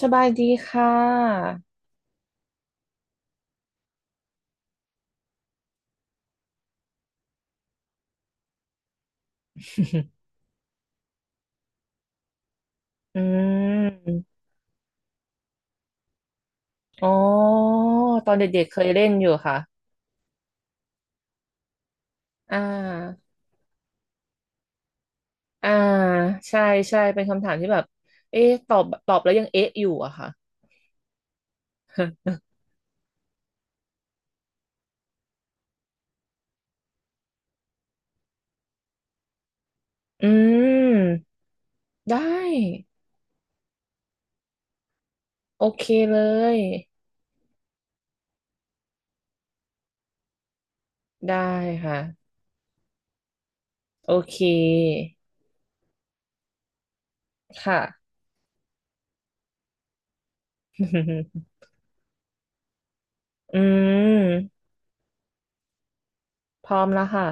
สบายดีค่ะ อืมอ๋อ ตอนเด็กๆเคยเล่นอยู่ค่ะอ่าอ่าใช่ใช่เป็นคำถามที่แบบเอ๊ะตอบแล้วยังเอ๊ะอยู่อะค่ะอืมได้ โอเคเลย ได้ค่ะ โอเค ค่ะ อืมพร้อมแล้วค่ะ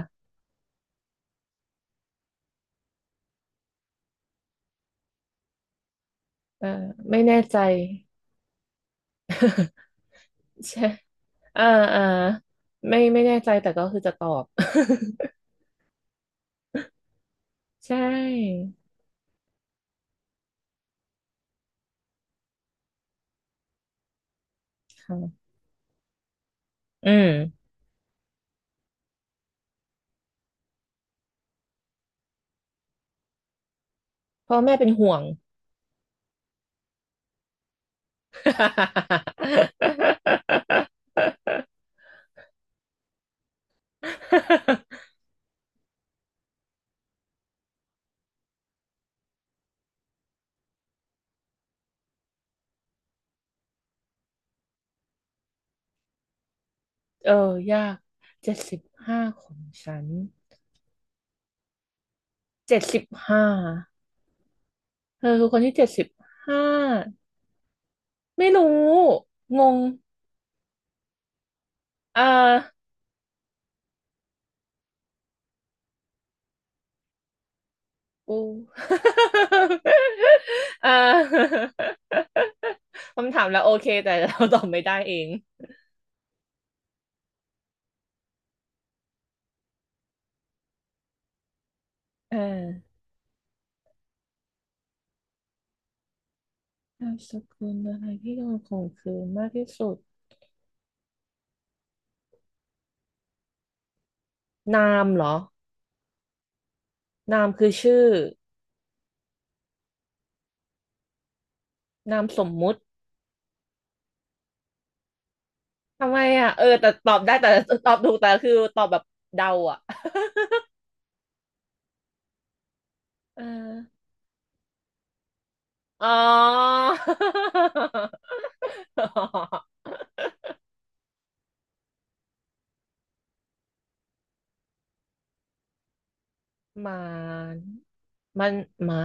เอ่อไม่แน่ใจ ใช่อ่าอ่าไม่แน่ใจแต่ก็คือจะตอบ ใช่ค่ะอืมพ่อแม่เป็นห่วง เออยาก75ของฉันเจ็ดสิบห้าเธอคือคนที่เจ็ดสิบห้าไม่รู้งงอ่ากู อ่าคำถามแล้วโอเคแต่เราตอบไม่ได้เองเออนามสกุลอะไรที่โดนข่มขืนมากที่สุด นามเหรอนามคือชื่อนามสมมุติทำไมอ่ะเออแต่ตอบได้แต่ตอบถูกแต่คือตอบแบบเดาอ่ะ เออ อ๋อ หมามันหมา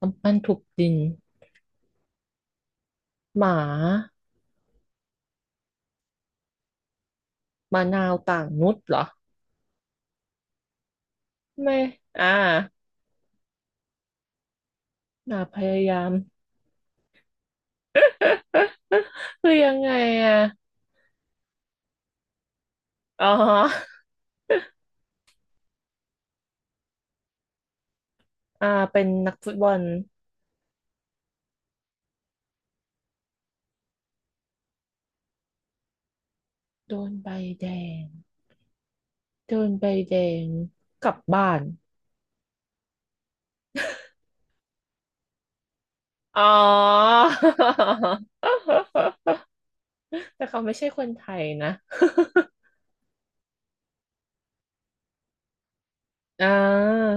กำปั้นทุบดินหมามานาวต่างนุชเหรอไม่อ่าหนาพยายาม คือยังไงอ่ะอ๋ออ่าเป็นนักฟุตบอลโดนใบแดง โดนใบแดงกลับบ้าน อ๋อ แต่เขาไม่ใช่คนไทยนะอ่า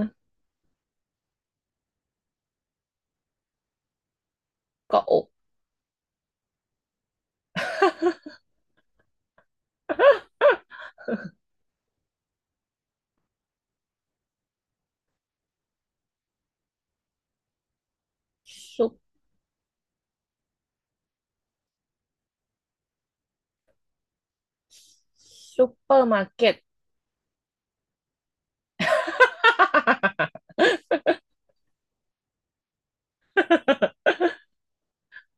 เกาะอก ซุปซุปเปอร์มาร์เก็ต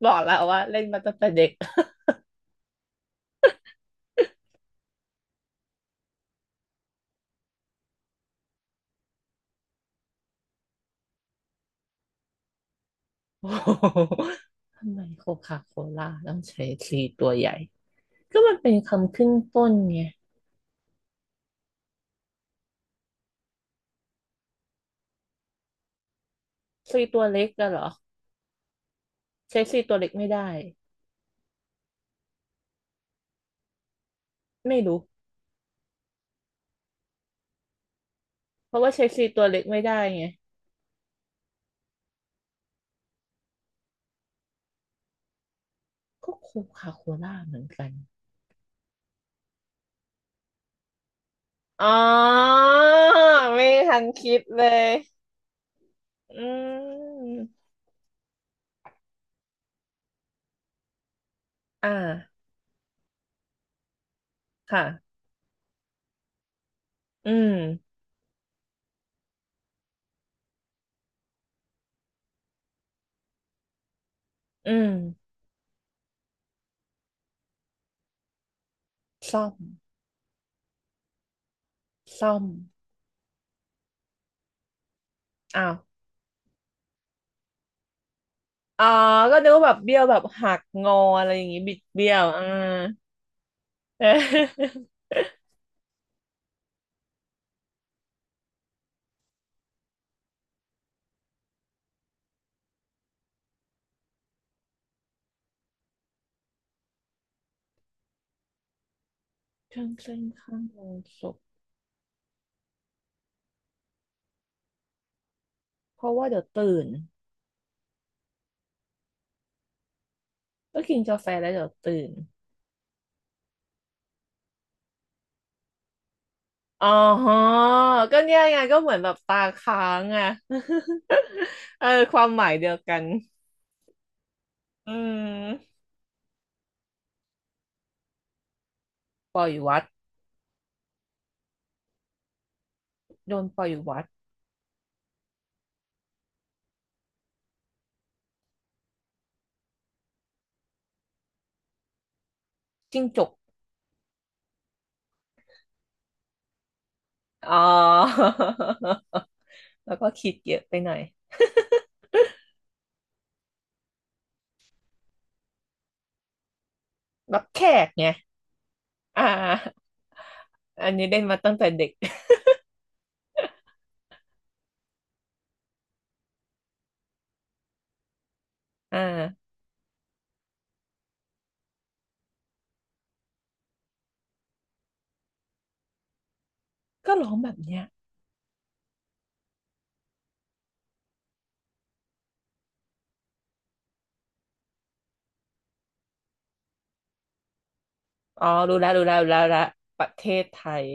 บอกแล้วว่าเล่นมาตั้งแต่เด็ก โอ้โหทำไมโคคาโคล่าต้องใช้ซีตัวใหญ่ ก็มันเป็นคำขึ้นต้นไงซีตัวเล็กอะเหรอ ใช้ซีตัวเล็กไม่ได้ ไม่รู้ เพราะว่าเชลซีตัวเล็กไม่ได้ไงก็โคคาโคล่าเหมือนกันอ๋อไม่ทันคิดเลยอืมอ่าค่ะอืมอืมซ่อมซ่อมอ้าวอ๋อก็นึกว่าแบบเบี้ยวแบบหักงออะไรอย่างงี้บิดเบี้ยวอ่า เออข้างเส้นข้างลงศพเพราะว่าเดี๋ยวตื่นก็กินกาแฟแล้วเดี๋ยวตื่น อ๋อก็เนี่ยไงก็เหมือนแบบตาค้างอ่ะ เออความหมายเดียวกันอืมปล่อยวัดโดนปล่อยวัดจิ้งจกอ๋อ แล้วก็คิดเยอะไปหน่อย รับแขกไงอ่าอันนี้เล่นมาตั้งแต่เด็กอ่าก็ร้องแบบเนี้ยอ๋อรู้แล้วรู้ละประเทศไทย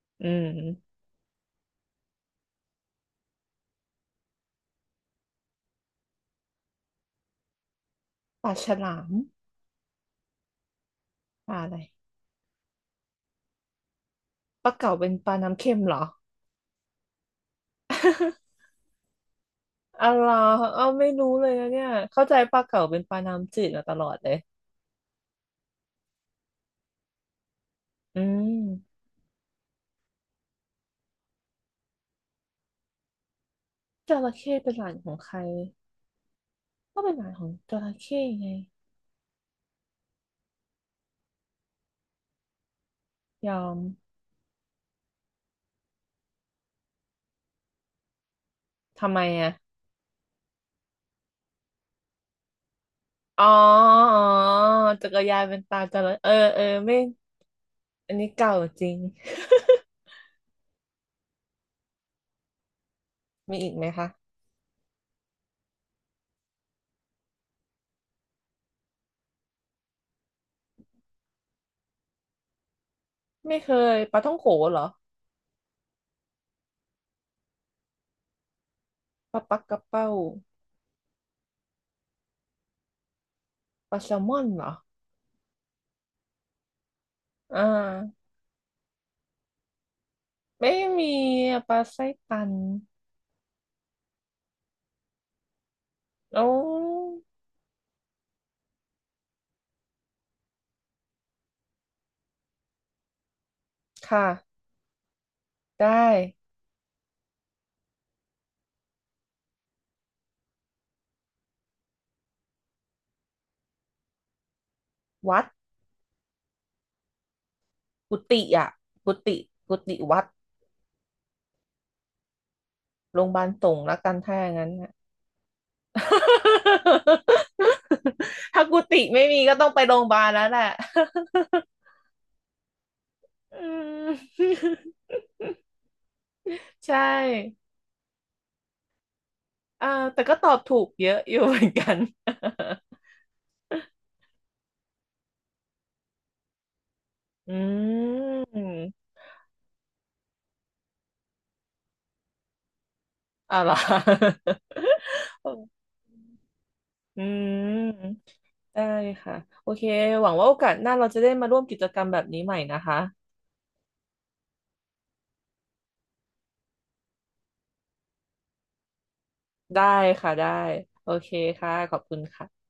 อืมปลาฉลามปลาอะไรปลาเก๋าเป็นปลาน้ำเค็มเหรอ อ๋อเหรอเออไม่รู้เลยนะเนี่ยเข้าใจปลาเก๋าเป็นปลาน้ำจืดมาตลอดเลยอืมจระเข้เป็นหลานของใครก็เป็นหลานของจระเข้ไงยอมทำไมอ่ะอ๋ออ๋อจักรยานเป็นตาจระเออเออไม่อันนี้เก่าจริง มีอีกไหมคะไม่เคยปลาท่องโขเหรอปลาปักกระเป้าปลาแซลมอนเหรออ่าไม่มีอะปลาไส้ตันโอ้ค่ะได้วัด กุฏิอ่ะ กุฏิกุฏิวัด โรงพยาบาลสงฆ์ละกันถ้าอย่างนั้นน่ะ ถ้ากุฏิไม่มีก็ต้องไปโรงพยาบาลแล้วแหละ อืม ใช่อ่าแต่ก็ตอบถูกเยอะอยู่เหมือนกัน อืมอ่ะเหรอ อืมได้ค่ะ โอเค หวังว่าโอกาสหน้าเราจะได้มาร่วมกิจกรรมแบบนี้ใหม่นะคะ ได้ค่ะ ได้ โอเคค่ะ ขอบคุณค่ะ